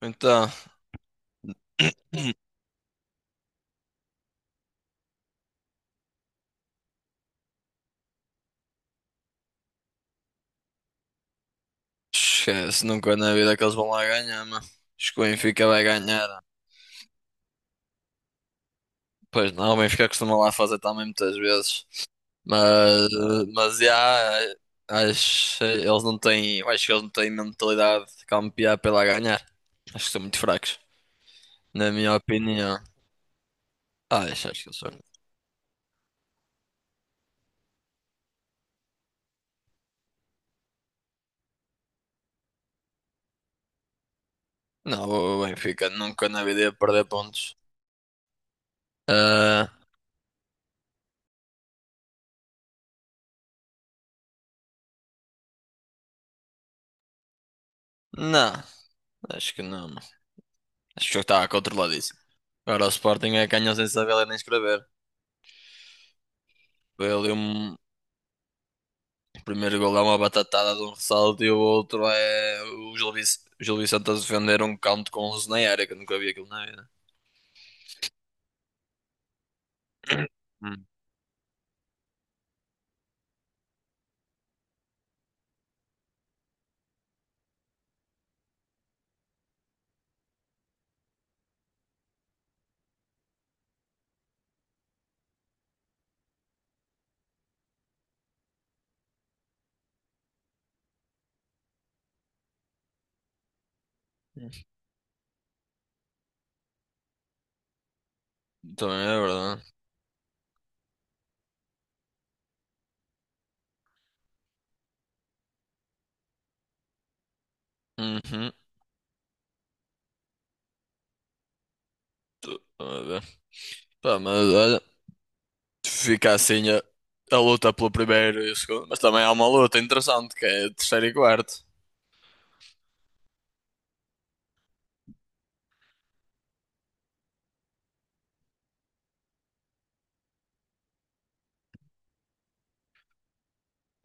Então, esquece, nunca na vida que eles vão lá ganhar, mano. Acho que o Benfica vai ganhar. Pois não, o Benfica costuma lá fazer também muitas vezes. Mas, mas eles não têm, acho que eles não têm mentalidade de campear pela ganhar. Acho que são muito fracos, na minha opinião. Acho, acho que eles são. Não, o Benfica nunca na vida ia perder pontos. Ah, não, acho que não, mano. Acho que o jogo estava controladíssimo. Agora o Sporting é que ganhou sem saber ler nem escrever. O primeiro gol é uma batatada de um ressalto e o outro é o Gil Vicente a defender um canto com 11 na área, que eu nunca vi aquilo na vida. Hum. Também é verdade. Uhum. Tô a ver. Pá, mas olha, fica assim a, a luta pelo primeiro e o segundo, mas também há uma luta interessante que é terceiro e quarto.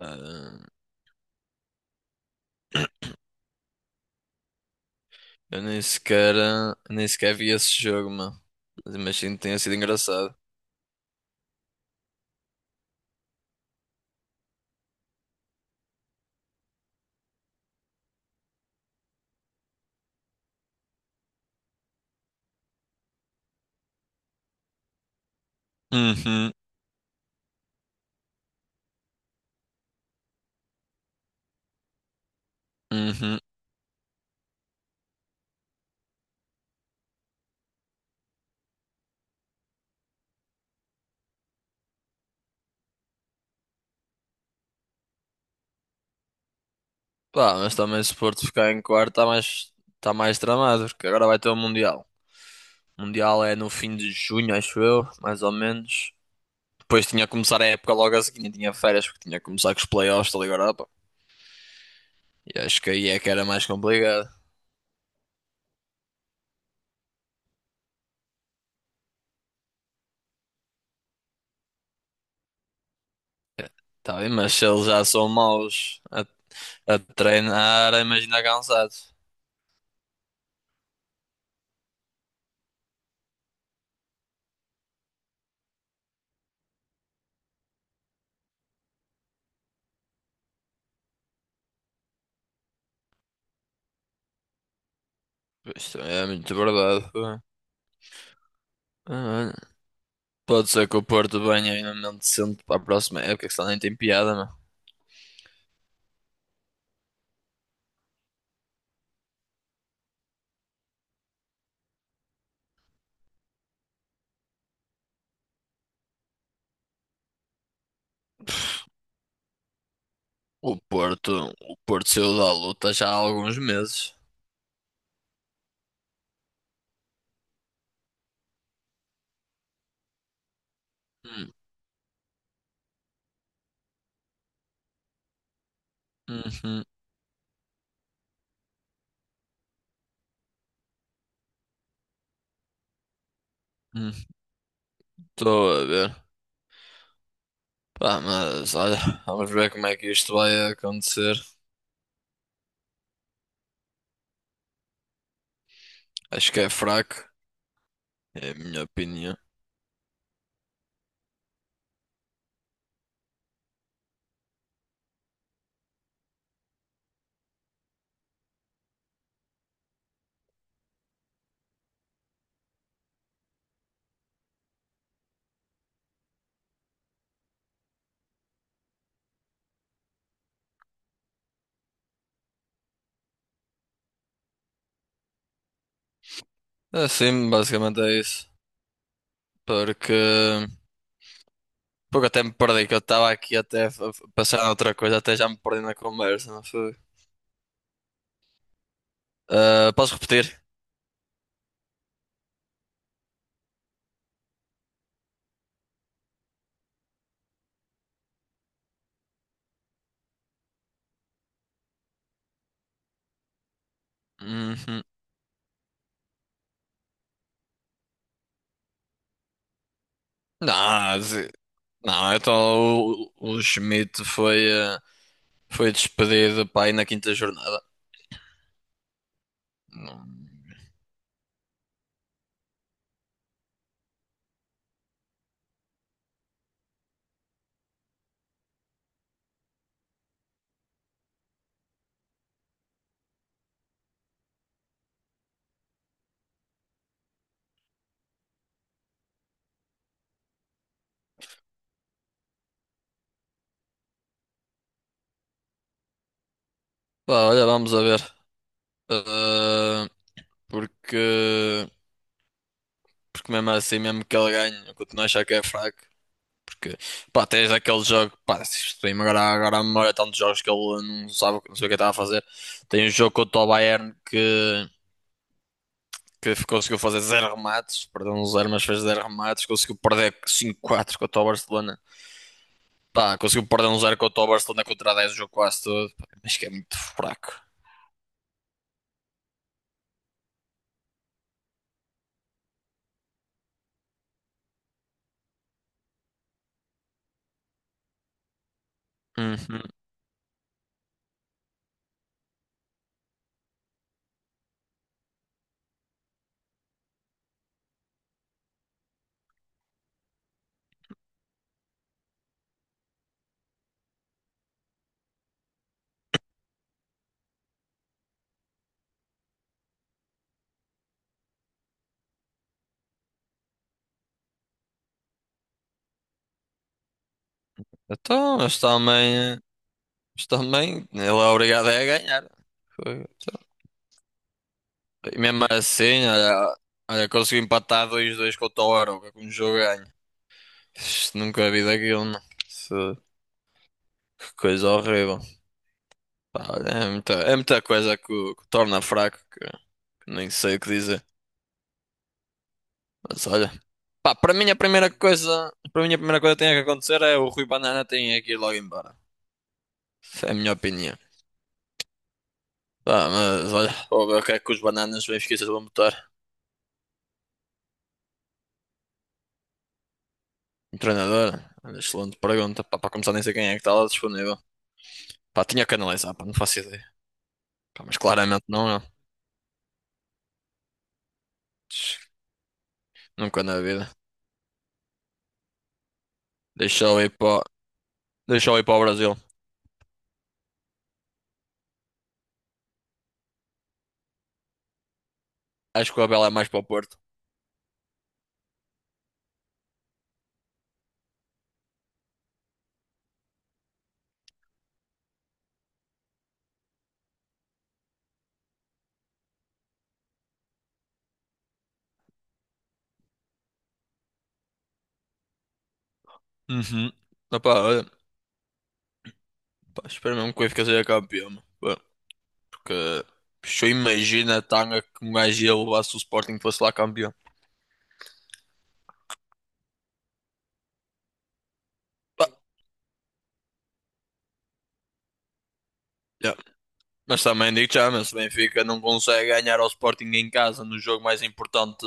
Ah, eu nem sequer, nem sequer vi esse jogo, mano. Mas imagino que tenha sido engraçado. Uhum, uhum. Pá, mas também se o Porto ficar em quarto está mais tramado, porque agora vai ter o Mundial. O Mundial é no fim de junho, acho eu, mais ou menos. Depois tinha que começar a época logo a seguir, nem tinha férias, porque tinha que começar com os playoffs da Liga Europa. E acho que aí é que era mais complicado. Tá bem, mas se eles já são maus a treinar, imagina cansados. Isto é muito verdade, pô. Ah, olha, pode ser que o Porto venha ainda mente decente para a próxima época, que senão nem tem piada. O Porto saiu da luta já há alguns meses. Hum, uhum, uhum. Estou a ver. Pá, mas olha, vamos ver como é que isto vai acontecer. Acho que é fraco, é a minha opinião. Assim, basicamente é isso. Porque, porque até me perdi, que eu estava aqui até a a pensar em outra coisa, até já me perdi na conversa, não foi? Ah, posso repetir? Uhum. Não, se- não, então o Schmidt foi, foi despedido para aí na quinta jornada. Não. Pá, olha, vamos a ver. Ah, porque, porque mesmo assim, mesmo que ele ganhe, eu continuo a achar que é fraco. Porque, pá, tens aquele jogo, pá, se isto vem-me agora, agora à memória, tantos jogos que ele não sabe, não sei o que estava a fazer. Tem um jogo contra o Bayern que conseguiu fazer zero remates, perdeu um zero, mas fez zero remates. Conseguiu perder cinco quatro contra o Barcelona. Pá, conseguiu perder um zero contra o Barcelona contra 10 o jogo quase todo. Pá, mas que é muito fraco. Uhum. Então, eles também. Mas também, ele é obrigado é a ganhar. Foi- então, E mesmo assim, olha, olha, conseguiu empatar 2 dois com o Toro, com um jogo ganho. Isto nunca vi daquilo, não. Isso- que coisa horrível. Pá, olha, é muita coisa que, que o torna fraco, que nem sei o que dizer. Mas olha, pá, para mim a primeira coisa que tem que acontecer é o Rui Banana tem que ir logo embora. Essa é a minha opinião. Pá, mas olha, vou ver o que é que os bananas bem esqueças vão botar. Um treinador? Olha, excelente pergunta. Pá, para começar, nem sei quem é que está lá disponível. Pá, tinha que analisar, pá, não faço ideia. Pá, mas claramente não, eu. Nunca na vida. Deixa eu ir para, o- deixa eu ir para o Brasil. Acho que o Abel é mais para o Porto. Uhum. Ah, pá, olha, pá, espero mesmo que o Benfica seja campeão, meu. Pá, porque se eu imagino a tanga que um gajo ia levar se o Sporting fosse lá campeão. Pá, mas também digo já, mas se o Benfica não consegue ganhar ao Sporting em casa no jogo mais importante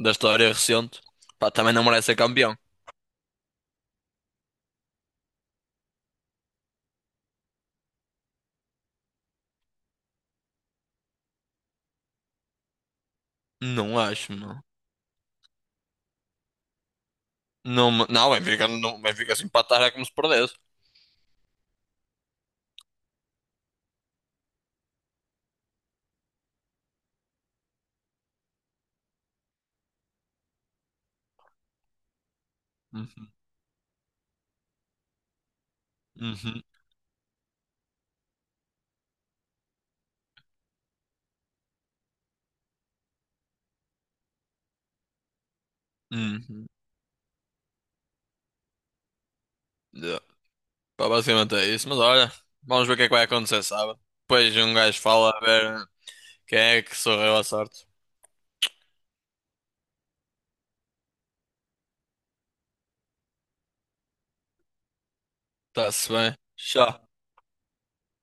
da história recente, pá, também não merece ser campeão. Não acho, não. Não, o Benfica se empatar é como se perdesse. Uhum, uhum, uhum. Yeah. Pá, basicamente é isso, mas olha, vamos ver o que é que vai acontecer sábado. Depois um gajo fala a ver quem é que sorriu à sorte. Está-se bem. Tchau.